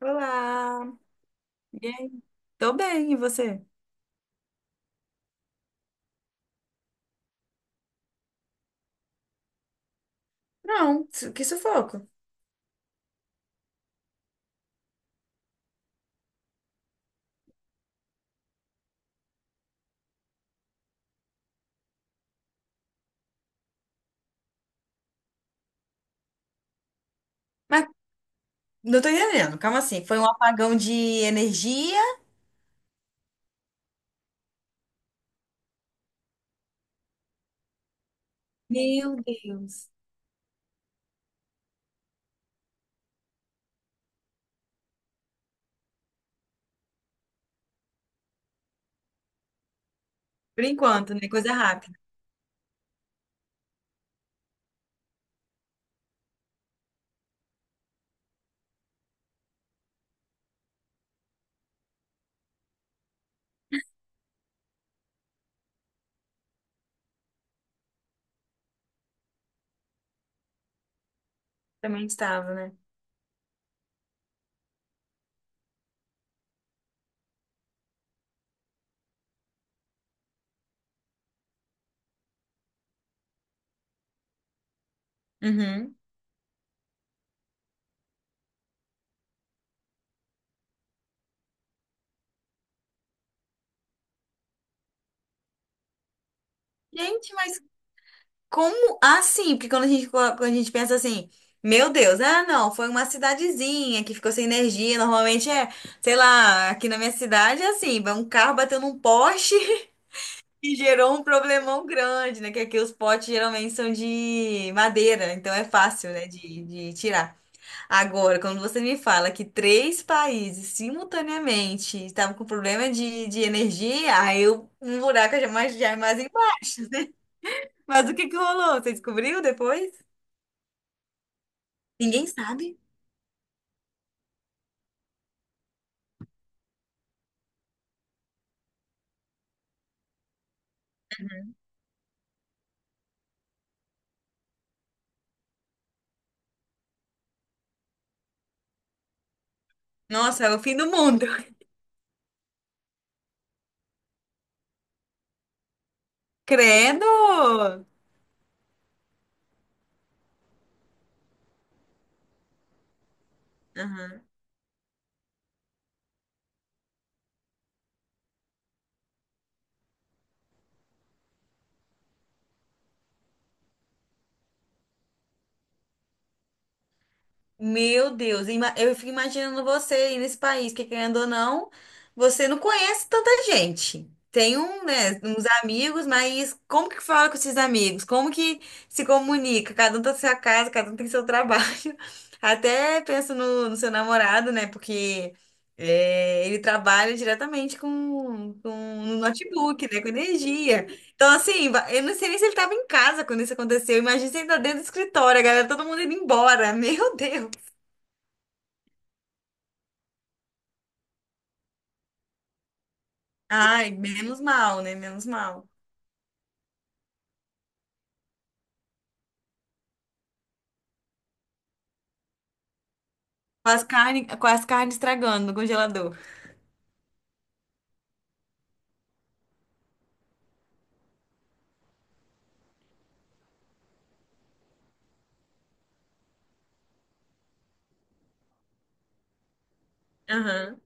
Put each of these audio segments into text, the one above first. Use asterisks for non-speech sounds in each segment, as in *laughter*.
Olá! E aí? Tô bem, e você? Não, que sufoco. Mas não tô entendendo. Calma assim, foi um apagão de energia. Meu Deus. Por enquanto, né? Coisa rápida. Também estava, né? Uhum. Gente, mas como assim? Porque quando a gente, quando a gente pensa assim, meu Deus, ah, não, foi uma cidadezinha que ficou sem energia. Normalmente é, sei lá, aqui na minha cidade é assim, vai um carro bateu num poste. E gerou um problemão grande, né? Que aqui os potes geralmente são de madeira, então é fácil, né, de tirar. Agora, quando você me fala que três países simultaneamente estavam com problema de energia, aí eu, um buraco já mais, já é mais embaixo, né? Mas o que que rolou? Você descobriu depois? Ninguém sabe. Nossa, é o fim do mundo. *laughs* Credo! Meu Deus, eu fico imaginando você aí nesse país, que querendo ou não, você não conhece tanta gente. Tem um, né, uns amigos, mas como que fala com esses amigos? Como que se comunica? Cada um tem sua casa, cada um tem seu trabalho. *laughs* Até penso no seu namorado, né? Porque ele trabalha diretamente com um notebook, né? Com energia. Então, assim, eu não sei nem se ele estava em casa quando isso aconteceu. Imagina se ele tá dentro do escritório, a galera, todo mundo indo embora. *laughs* Meu Deus! Ai, menos mal, né? Menos mal. Com as carnes estragando no congelador. Aham.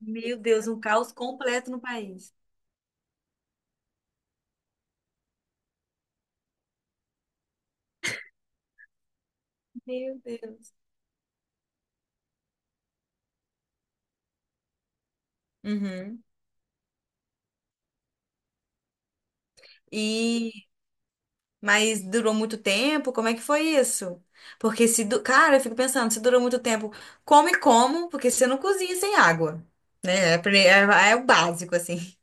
Meu Deus, um caos completo no país. Meu Deus. Uhum. E mas durou muito tempo? Como é que foi isso? Porque se, du- cara, eu fico pensando, se durou muito tempo, come como? Porque você não cozinha sem água, né? É, é o básico assim.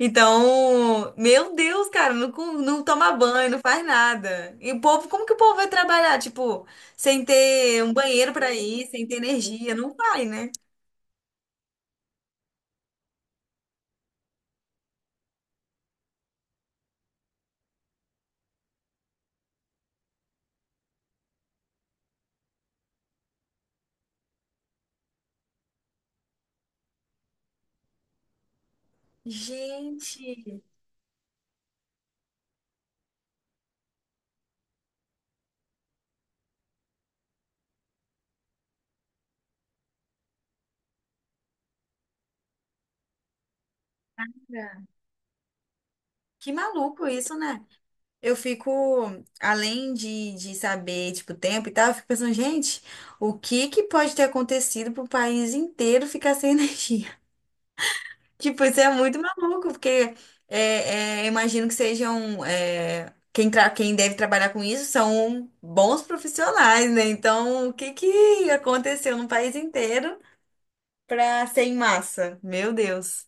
Então, meu Deus, cara, não, não toma banho, não faz nada. E o povo, como que o povo vai trabalhar? Tipo, sem ter um banheiro pra ir, sem ter energia, não vai, né? Gente, que maluco isso, né? Eu fico, além de saber, tipo, o tempo e tal, eu fico pensando, gente, o que que pode ter acontecido pro país inteiro ficar sem *laughs* energia? Tipo, isso é muito maluco, porque é, imagino que sejam. Quem, quem deve trabalhar com isso são bons profissionais, né? Então, o que que aconteceu no país inteiro para ser em massa? Meu Deus.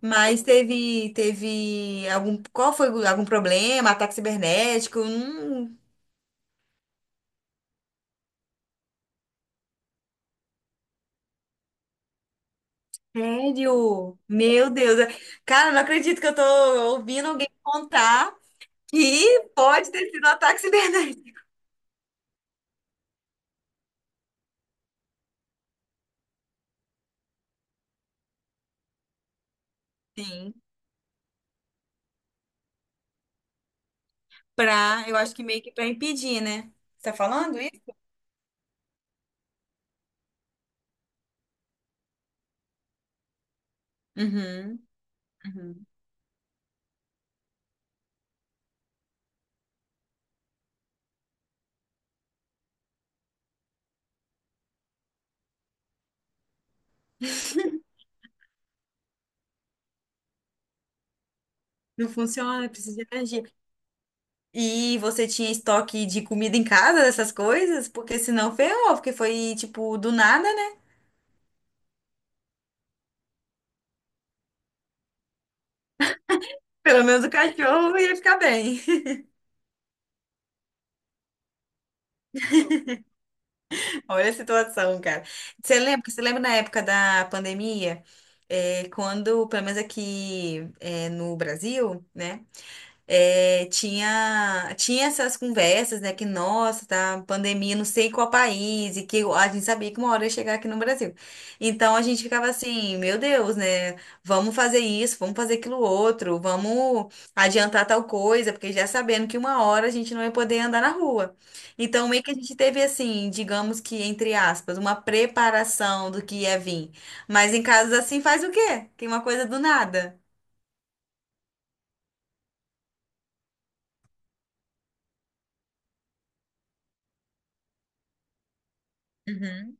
Mas teve algum. Qual foi algum problema? Ataque cibernético? Sério? Meu Deus. Cara, não acredito que eu tô ouvindo alguém contar que pode ter sido um ataque *laughs* cibernético. Sim. Eu acho que meio que pra impedir, né? Você tá falando isso? Uhum, uhum. Não funciona, precisa de energia. E você tinha estoque de comida em casa, dessas coisas? Porque senão ferrou, porque foi, tipo, do nada, né? Pelo menos o cachorro ia ficar bem. *laughs* Olha a situação, cara. Você lembra na época da pandemia, quando, pelo menos aqui, no Brasil, né? Tinha essas conversas, né? Que, nossa, tá pandemia, não sei qual país, e que a gente sabia que uma hora ia chegar aqui no Brasil. Então a gente ficava assim, meu Deus, né? Vamos fazer isso, vamos fazer aquilo outro, vamos adiantar tal coisa, porque já sabendo que uma hora a gente não ia poder andar na rua. Então, meio que a gente teve assim, digamos que, entre aspas, uma preparação do que ia vir. Mas em casos assim faz o quê? Tem uma coisa do nada. Uhum.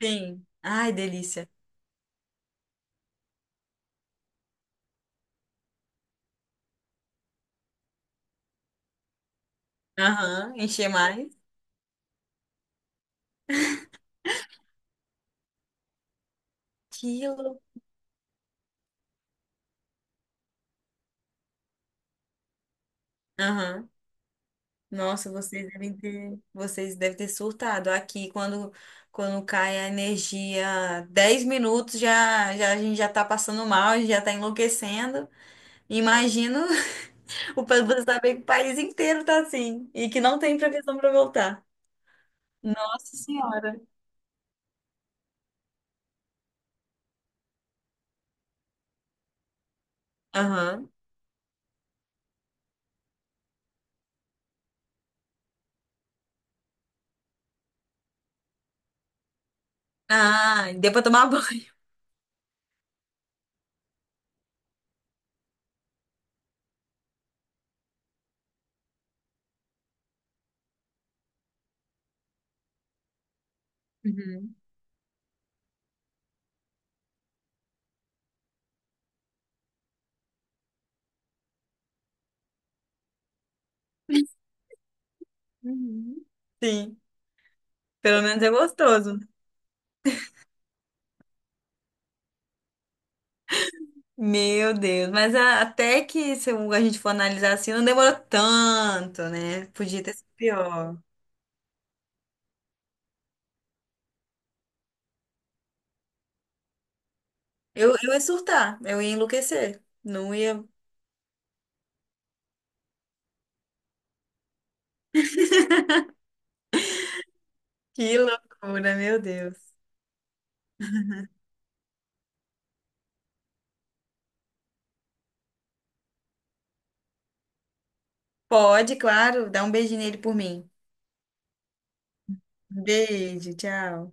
Sim. Ai, delícia. Aham, encher mais. Quilo. Aham. Nossa, vocês devem ter surtado. Aqui, quando cai a energia, 10 minutos já, já a gente já tá passando mal, a gente já tá enlouquecendo. Imagino *laughs* o povo saber que o país inteiro tá assim e que não tem previsão para voltar. Nossa Senhora. Aham. Ah, deu pra tomar *laughs* banho. Uhum. Uhum. Sim, pelo menos é gostoso. Meu Deus, mas até que se um, a gente for analisar assim, não demorou tanto, né? Podia ter sido pior. Eu ia surtar, eu ia enlouquecer. Não ia. Que loucura, meu Deus. Pode, claro, dá um beijinho nele por mim. Beijo, tchau.